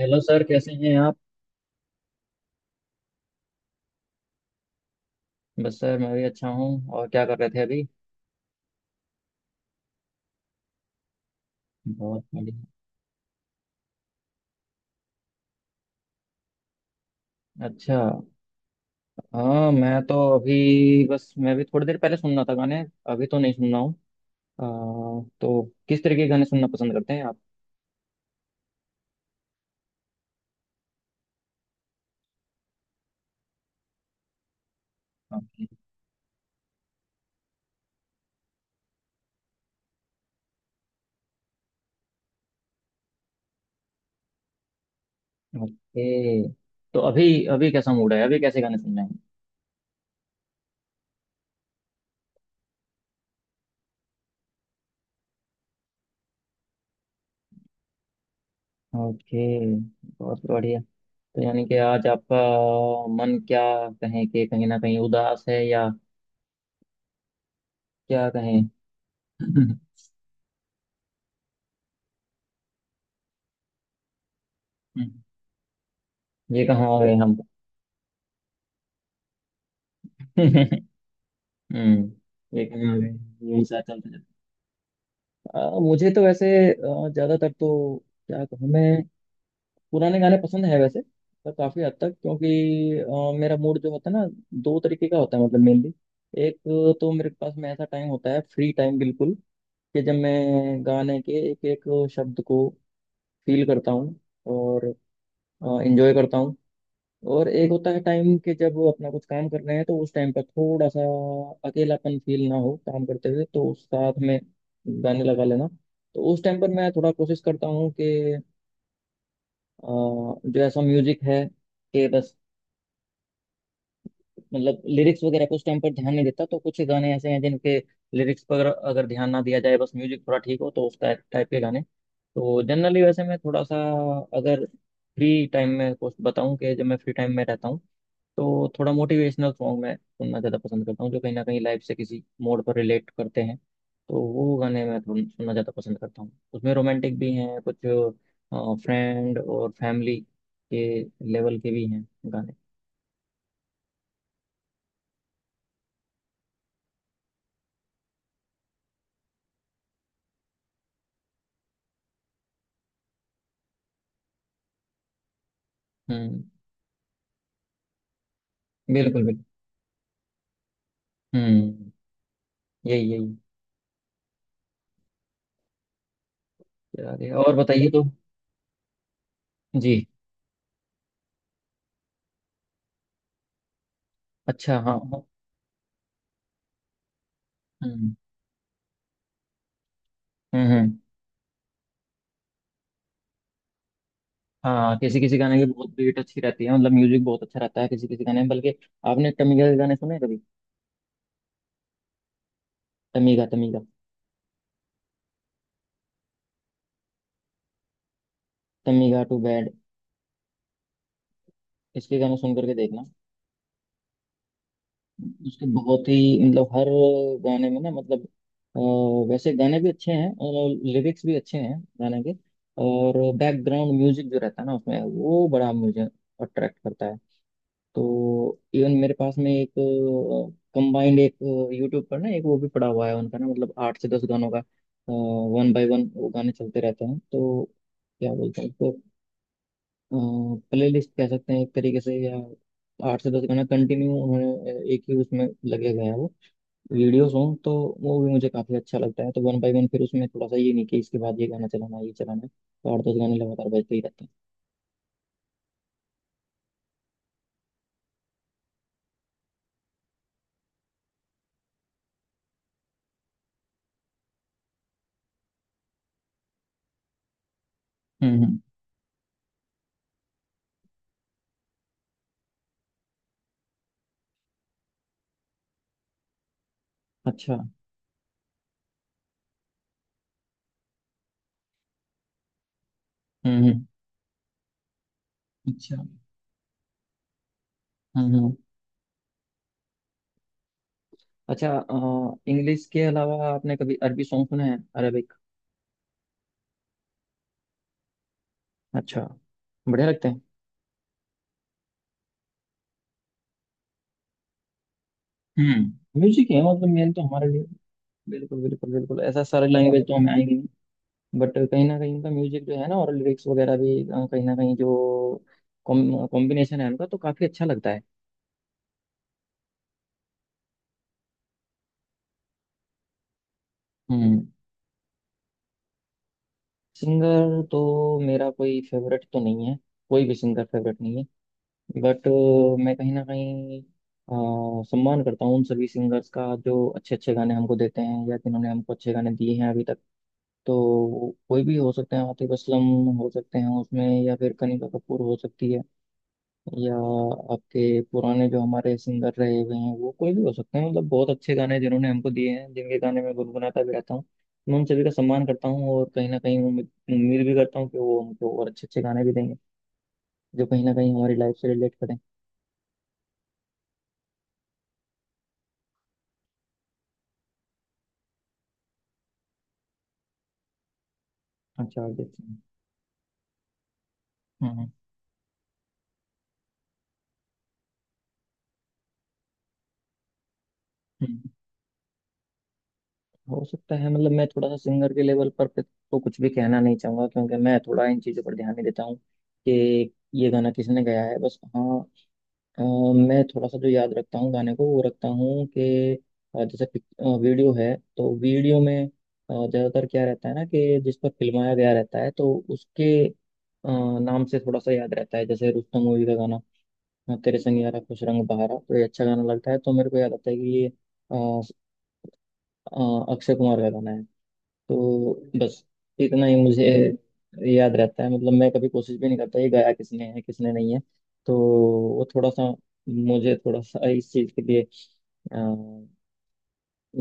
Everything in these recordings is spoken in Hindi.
हेलो सर, कैसे हैं आप। बस सर, मैं भी अच्छा हूँ। और क्या कर रहे थे अभी। बहुत बढ़िया। अच्छा। हाँ, मैं तो अभी बस मैं भी थोड़ी देर पहले सुन रहा था गाने। अभी तो नहीं सुन रहा हूँ। अ, तो किस तरह के गाने सुनना पसंद करते हैं आप। ओके। ओके, तो अभी अभी कैसा मूड है, अभी कैसे गाने सुन रहे हैं। ओके, बहुत बढ़िया। तो यानी कि आज आपका मन, क्या कहें, कि कहीं ना कहीं उदास है या क्या कहें। ये कहाँ आ गए हम। हम्म, एक हाँ। यही, साथ चलते चलते। मुझे तो वैसे ज्यादातर तो, क्या कहूँ मैं, पुराने गाने पसंद है वैसे। पर काफी हद तक क्योंकि मेरा मूड जो होता है ना, दो तरीके का होता है मतलब मेनली। एक तो मेरे पास में ऐसा टाइम होता है, फ्री टाइम बिल्कुल, कि जब मैं गाने के एक एक शब्द को फील करता हूँ और एंजॉय करता हूँ। और एक होता है टाइम के जब वो अपना कुछ काम कर रहे हैं तो उस टाइम पर थोड़ा सा अकेलापन फील ना हो काम करते हुए तो साथ में गाने लगा लेना। तो उस टाइम पर मैं थोड़ा कोशिश करता हूँ कि जो ऐसा म्यूजिक है कि बस, मतलब लिरिक्स वगैरह पे उस टाइम पर ध्यान नहीं देता। तो कुछ गाने ऐसे हैं जिनके लिरिक्स पर अगर ध्यान ना दिया जाए, बस म्यूजिक थोड़ा ठीक हो, तो उस टाइप टाइप के गाने। तो जनरली वैसे मैं थोड़ा सा, अगर फ्री टाइम में कुछ बताऊं, कि जब मैं फ्री टाइम में रहता हूँ तो थोड़ा मोटिवेशनल सॉन्ग मैं सुनना ज़्यादा पसंद करता हूँ, जो कहीं ना कहीं लाइफ से किसी मोड़ पर रिलेट करते हैं, तो वो गाने मैं थोड़ा सुनना ज़्यादा पसंद करता हूँ। उसमें रोमांटिक भी हैं कुछ, फ्रेंड और फैमिली के लेवल के भी हैं गाने। हम्म, बिल्कुल बिल्कुल। हम्म, यही यही चला गया। और बताइए तो। जी। अच्छा, हाँ हाँ। हम्म हम्म। हम्म। हाँ, किसी किसी गाने की बहुत बीट अच्छी रहती है, मतलब म्यूजिक बहुत अच्छा रहता है किसी किसी गाने में। बल्कि आपने टमीगा के गाने सुने हैं कभी। टमीगा, टमीगा। टमीगा टू बैड, इसके गाने सुन करके देखना। उसके बहुत ही, मतलब हर गाने में ना, मतलब वैसे गाने भी अच्छे हैं और लिरिक्स भी अच्छे हैं गाने के, और बैकग्राउंड म्यूजिक जो रहता है ना उसमें, वो बड़ा मुझे अट्रैक्ट करता है। तो इवन मेरे पास में एक कंबाइंड एक यूट्यूब पर ना एक वो भी पड़ा हुआ है उनका ना, मतलब आठ से दस गानों का, वन बाय वन वो गाने चलते रहते हैं। तो क्या बोलते हैं उसको, प्ले लिस्ट कह सकते हैं एक तरीके से या। आठ से दस गाना कंटिन्यू उन्होंने एक ही उसमें लगे हुए हैं वो वीडियो सॉन्ग। तो वो भी मुझे काफ़ी अच्छा लगता है। तो वन बाय वन फिर उसमें थोड़ा सा ये नहीं कि इसके बाद ये गाना चलाना है, ये चलाना है। तो आठ दस गाने लगातार बजते ही रहते हैं। हम्म हम्म, अच्छा। हम्म, अच्छा। हम्म, अच्छा। इंग्लिश के अलावा आपने कभी अरबी सॉन्ग सुने हैं, अरबिक। अच्छा, बढ़िया लगते हैं। हम्म, म्यूजिक है मतलब मेन तो हमारे लिए। बिल्कुल बिल्कुल बिल्कुल, ऐसा सारे लैंग्वेज तो हमें आएंगे नहीं। बट कहीं ना कहीं उनका म्यूजिक जो है ना, और लिरिक्स वगैरह भी कहीं ना कहीं जो कॉम्बिनेशन है उनका, तो काफी अच्छा लगता है। हम्म। सिंगर तो मेरा कोई फेवरेट तो नहीं है, कोई भी सिंगर फेवरेट नहीं है। बट मैं कहीं ना कहीं सम्मान करता हूँ उन सभी सिंगर्स का, जो अच्छे अच्छे गाने हमको देते हैं या जिन्होंने हमको अच्छे गाने दिए हैं अभी तक। तो कोई भी हो सकते हैं, आतिफ असलम हो सकते हैं उसमें, या फिर कनिका कपूर हो सकती है, या आपके पुराने जो हमारे सिंगर रहे हुए हैं वो कोई भी हो सकते हैं। मतलब बहुत अच्छे गाने जिन्होंने हमको दिए हैं, जिनके गाने मैं गुनगुनाता भी रहता हूँ, मैं उन सभी का सम्मान करता हूँ, और कहीं ना कहीं उम्मीद उम्मीद भी करता हूँ कि वो हमको और अच्छे अच्छे गाने भी देंगे, जो कहीं ना कहीं हमारी लाइफ से रिलेट करें। अच्छा, और देखते हैं। हम्म। हम्म। हो सकता है, मतलब मैं थोड़ा सा सिंगर के लेवल पर पे तो कुछ भी कहना नहीं चाहूंगा क्योंकि मैं थोड़ा इन चीज़ों पर ध्यान नहीं देता हूँ कि ये गाना किसने गाया है। बस हाँ, अ, मैं थोड़ा सा जो याद रखता हूँ गाने को वो रखता हूँ कि जैसे वीडियो है तो वीडियो में ज़्यादातर क्या रहता है ना कि जिस पर फिल्माया गया रहता है, तो उसके नाम से थोड़ा सा याद रहता है। जैसे रुस्तम मूवी का गाना तेरे संग यारा खुश रंग बहारा, तो ये अच्छा गाना लगता है, तो मेरे को याद आता है कि ये अ, अक्षय कुमार का गाना है। तो बस इतना ही मुझे याद रहता है। मतलब मैं कभी कोशिश भी नहीं करता ये गाया किसने है किसने नहीं है। तो वो थोड़ा सा, मुझे थोड़ा सा इस चीज़ के लिए अ,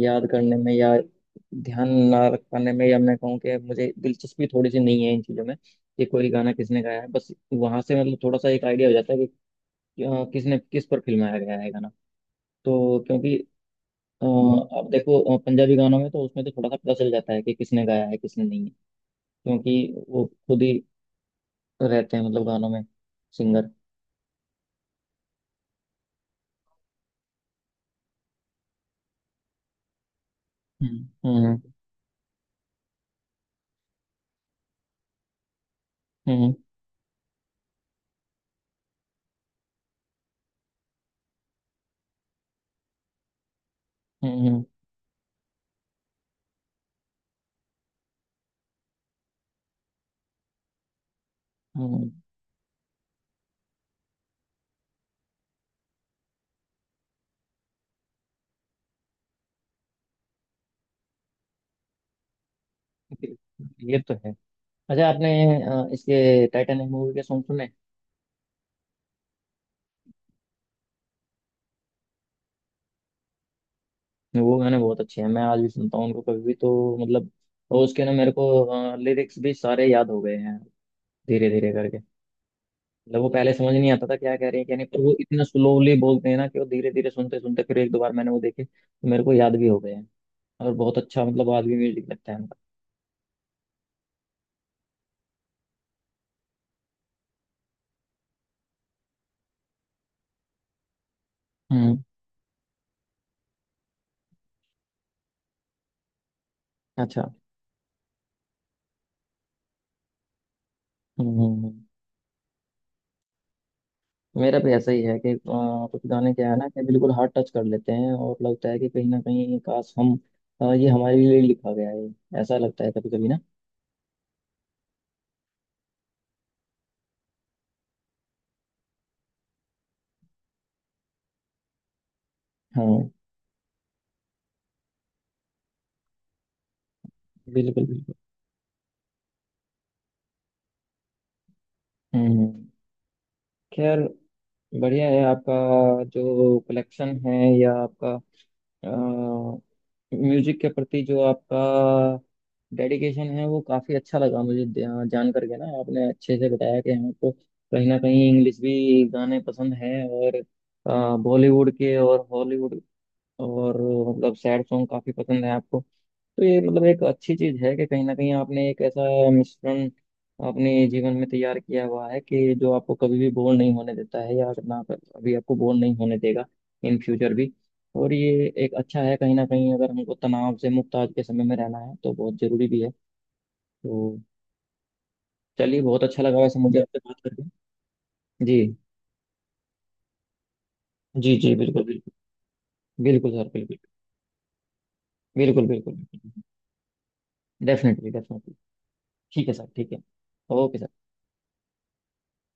याद करने में या ध्यान ना रख पाने में, या मैं कहूँ कि मुझे दिलचस्पी थोड़ी सी नहीं है इन चीज़ों में, कि कोई गाना किसने गाया है। बस वहां से मतलब थोड़ा सा एक आइडिया हो जाता है कि किसने किस पर फिल्माया गया है गाना। तो क्योंकि अब देखो पंजाबी गानों में तो उसमें तो थोड़ा सा पता चल जाता है कि किसने गाया है किसने नहीं है, क्योंकि वो खुद ही रहते हैं मतलब गानों में, सिंगर। हम्म। हम्म हम्म। हम्म। ये तो है। अच्छा, आपने इसके टाइटैनिक मूवी के सॉन्ग सुने। वो गाने बहुत अच्छे हैं, मैं आज भी सुनता हूँ उनको कभी भी, तो मतलब और उसके ना मेरे को लिरिक्स भी सारे याद हो गए हैं धीरे धीरे करके। मतलब वो पहले समझ नहीं आता था क्या कह रहे हैं क्या नहीं, पर वो इतना स्लोली बोलते हैं ना कि वो धीरे धीरे सुनते सुनते फिर एक दो बार मैंने वो देखे तो मेरे को याद भी हो गए हैं। और बहुत अच्छा मतलब आज भी म्यूजिक लगता है उनका। हम्म, अच्छा। हम्म। हम्म। मेरा भी ऐसा ही है कि कुछ गाने क्या है ना कि बिल्कुल हार्ट टच कर लेते हैं, और लगता है कि कहीं ना कहीं काश हम ये हमारे लिए लिखा गया है ऐसा लगता है कभी कभी ना। हाँ, बिल्कुल बिल्कुल। हम्म। खैर, बढ़िया है आपका जो कलेक्शन है, या आपका म्यूजिक के प्रति जो आपका डेडिकेशन है, वो काफी अच्छा लगा मुझे। जान करके ना आपने अच्छे से बताया कि हमको कहीं ना कहीं इंग्लिश भी गाने पसंद हैं, और बॉलीवुड के और हॉलीवुड, और मतलब सैड सॉन्ग काफी पसंद है आपको। तो ये मतलब एक अच्छी चीज है कि कहीं ना कहीं आपने एक ऐसा मिश्रण अपने जीवन में तैयार किया हुआ है कि जो आपको कभी भी बोर नहीं होने देता है, या ना अभी आपको बोर नहीं होने देगा, इन फ्यूचर भी। और ये एक अच्छा है कहीं ना कहीं, अगर हमको तनाव से मुक्त आज के समय में रहना है तो बहुत जरूरी भी है। तो चलिए, बहुत अच्छा लगा वैसे मुझे आपसे बात करके। जी। जी जी, बिल्कुल बिल्कुल। बिल्कुल सर, बिल्कुल। बिल्कुल बिल्कुल बिल्कुल। Definitely definitely. ठीक है सर, ठीक है। Okay sir.